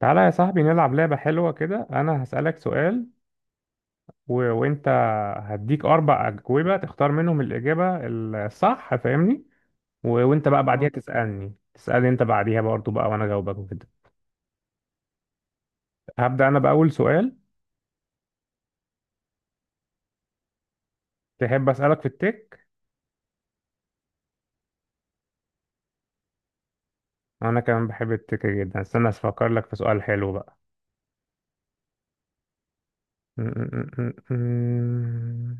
تعالى يا صاحبي نلعب لعبة حلوة كده. أنا هسألك سؤال و... وأنت هديك أربع أجوبة تختار منهم الإجابة الصح، فاهمني؟ و... وأنت بقى بعديها تسألني أنت بعديها برضه بقى، وأنا أجاوبك وكده. هبدأ أنا بأول سؤال. تحب أسألك في التك؟ أنا كمان بحب التك جدا. استنى أفكر لك في سؤال حلو بقى.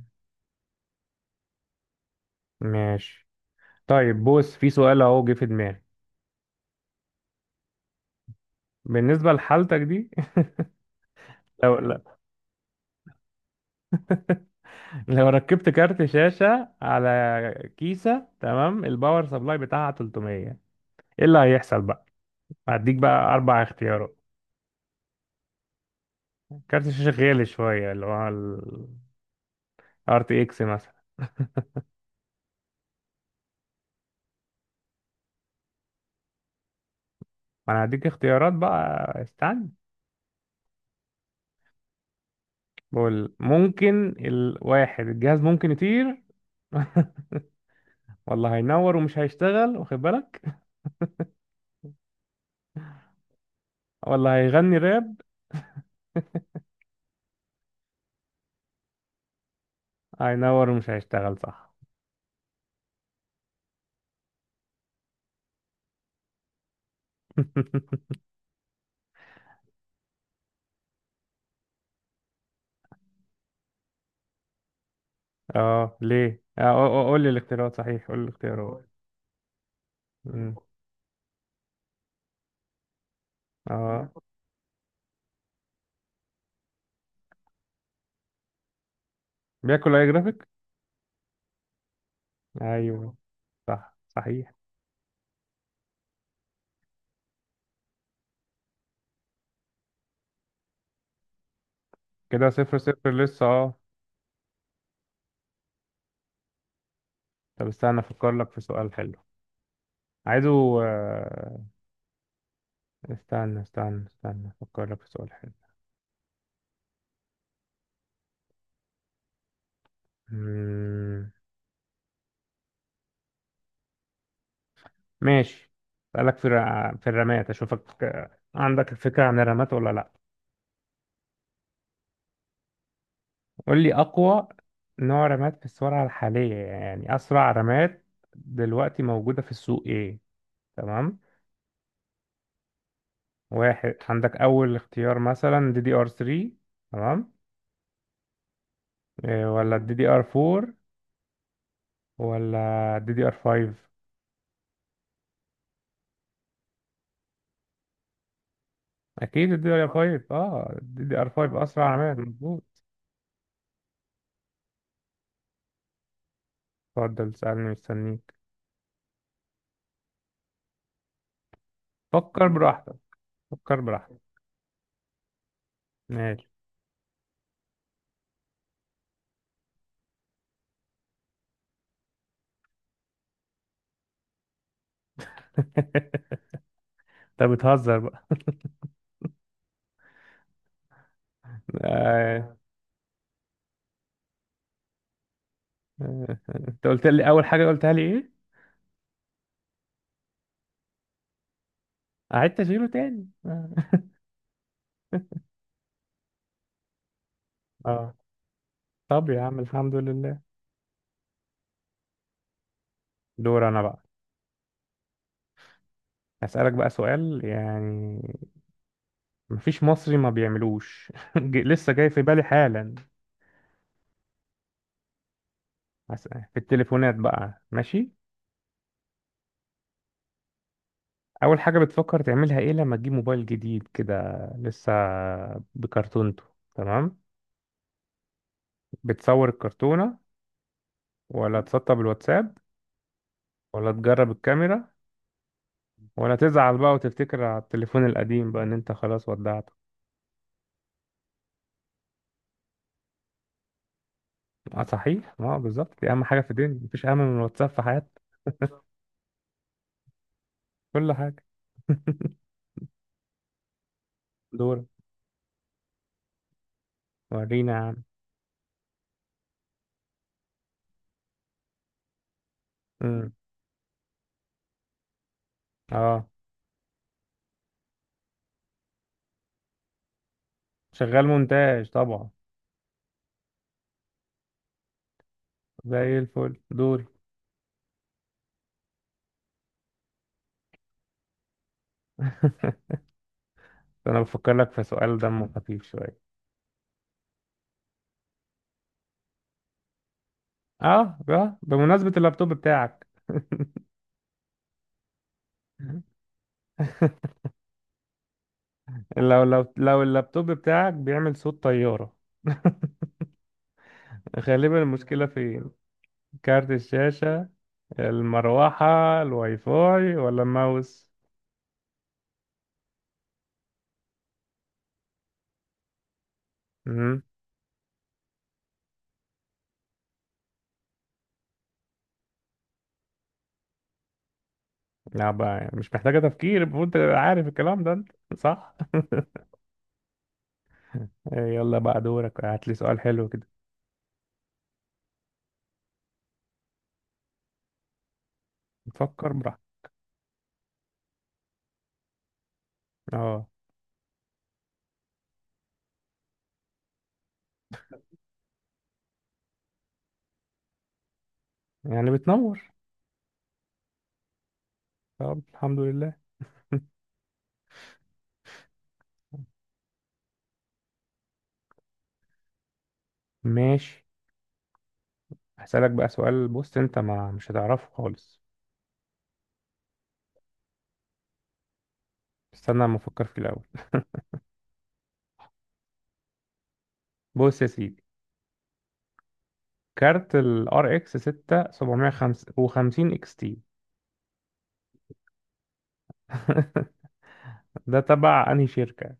ماشي. طيب بص، في سؤال أهو جه في دماغي. بالنسبة لحالتك دي لو لا، لو ركبت كارت شاشة على كيسة تمام، الباور سبلاي بتاعها 300، ايه اللي هيحصل بقى؟ هديك بقى اربع اختيارات. كارت الشاشة غالي شوية، اللي هو ال RTX مثلا. ما انا هديك اختيارات بقى، استنى. بقول ممكن الواحد الجهاز ممكن يطير، ولا هينور ومش هيشتغل، واخد بالك، ولا هيغني راب. هينور ومش هيشتغل، صح. اه ليه آه، قول لي الاختيارات. صحيح، قول لي الاختيارات. مم. اه بياكل اي جرافيك. ايوه، صح صحيح. كده صفر صفر لسه، اه. طب استنى افكر لك في سؤال حلو. عايزه آه، استنى استنى استنى افكر لك في سؤال حلو. مم، ماشي. اسالك في الر- في الرمات، اشوفك آه، عندك فكرة عن الرمات ولا لا؟ قول لي اقوى نوع رمات في السرعة الحالية، يعني اسرع رمات دلوقتي موجودة في السوق ايه. تمام؟ واحد، عندك اول اختيار مثلا دي دي ار 3، تمام، إيه، ولا الدي دي ار 4، ولا الدي دي ار 5؟ اكيد الدي دي ار 5، اه الدي دي ار 5 اسرع، عمال مظبوط. اتفضل سألني، مستنيك. فكر براحتك. فكر براحتك. ماشي. انت بتهزر بقى. آه. آه. انت قلت لي اول حاجه، قلتها لي ايه؟ قعدت اشيله تاني، اه. آه. طب يا عم الحمد لله. دور انا بقى. هسألك بقى سؤال، يعني مفيش مصري ما بيعملوش. لسه جاي في بالي حالا. في التليفونات بقى، ماشي؟ اول حاجه بتفكر تعملها ايه لما تجيب موبايل جديد كده لسه بكرتونته؟ تمام. بتصور الكرتونه، ولا تسطب الواتساب، ولا تجرب الكاميرا، ولا تزعل بقى وتفتكر على التليفون القديم بقى ان انت خلاص ودعته؟ اه صحيح، اه بالظبط، دي اهم حاجه في الدنيا، مفيش اهم من الواتساب في حياتك. كل حاجه. دورك. ورينا يا عم. امم، اه، شغال مونتاج طبعا، زي الفل. دوري. انا بفكر لك في سؤال دمه خفيف شويه. اه بمناسبه اللابتوب بتاعك. لو اللابتوب بتاعك بيعمل صوت طيارة، غالبا المشكلة فين؟ كارت الشاشة، المروحة، الواي فاي، ولا الماوس؟ امم. لا بقى، يعني مش محتاجة تفكير، المفروض انت عارف الكلام ده انت، صح. يلا بقى دورك، هات لي سؤال حلو كده. نفكر براحتك. اه. يعني بتنور. طب الحمد لله. ماشي. هسألك بقى سؤال، بص انت ما مش هتعرفه خالص. استنى ما افكر فيه الاول. بص يا سيدي، كارت ال RX 6750 اكس تي، ده تبع انهي شركة؟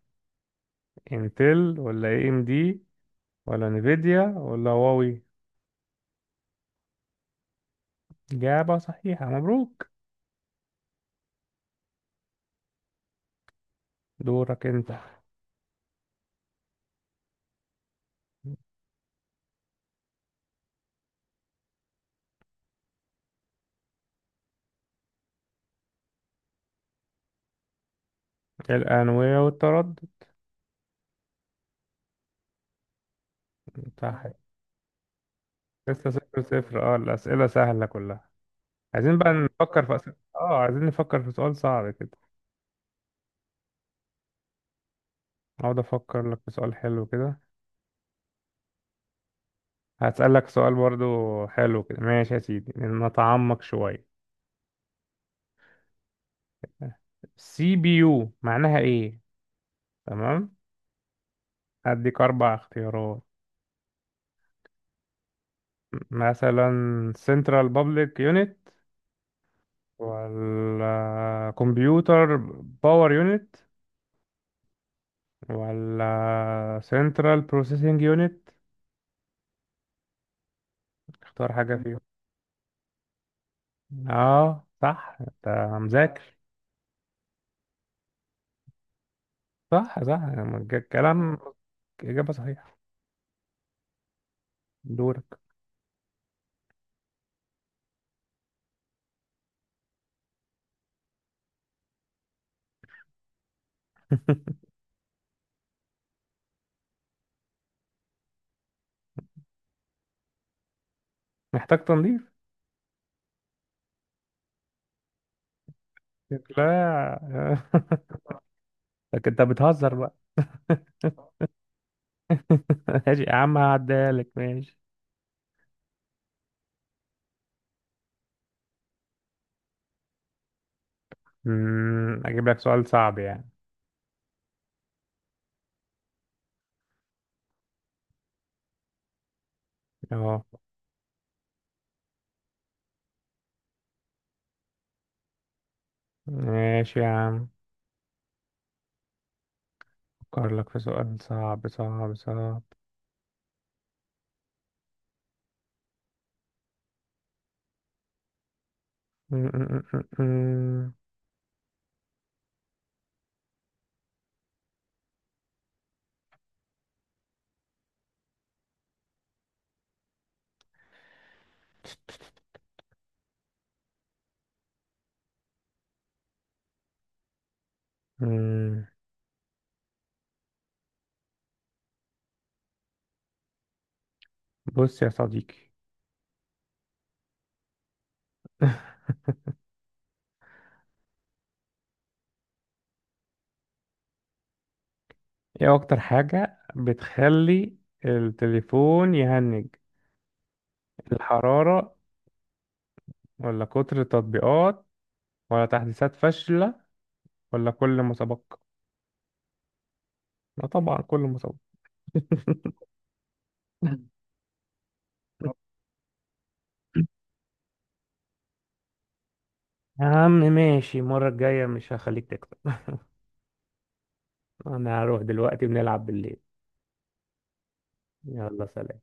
انتل، ولا اي ام دي، ولا نيفيديا، ولا هواوي؟ إجابة صحيحة، مبروك. دورك انت. الأنوية والتردد. صح. لسه صفر صفر اه، الأسئلة سهلة كلها. عايزين بقى نفكر في أسئلة، اه عايزين نفكر في سؤال صعب كده. اقعد افكر لك في سؤال حلو كده. هسألك سؤال برضو حلو كده، ماشي يا سيدي، نتعمق شوية. سي بي يو معناها ايه؟ تمام. هديك اربع اختيارات. مثلا سنترال بابليك يونت، ولا كمبيوتر باور يونت، ولا سنترال بروسيسنج يونت؟ اختار حاجة فيهم. اه صح، انت مذاكر. صح صح الكلام. إجابة صحيحة. دورك. محتاج تنظيف. لا. لكن انت بتهزر بقى. ماشي يا عم، هعديها لك، ماشي. مم، أجيب لك سؤال صعب يعني. أهو. ماشي يا عم. أفكر لك في سؤال صعب صعب صعب. مم، مم، مم، مم. مم. بص يا صديقي. إيه أكتر حاجة بتخلي التليفون يهنج؟ الحرارة، ولا كتر التطبيقات، ولا تحديثات فاشلة، ولا كل مسابقة؟ لا طبعا، كل مسابقة. يا عم ماشي، المرة الجاية مش هخليك تكسب. أنا هروح دلوقتي، بنلعب بالليل. يلا سلام.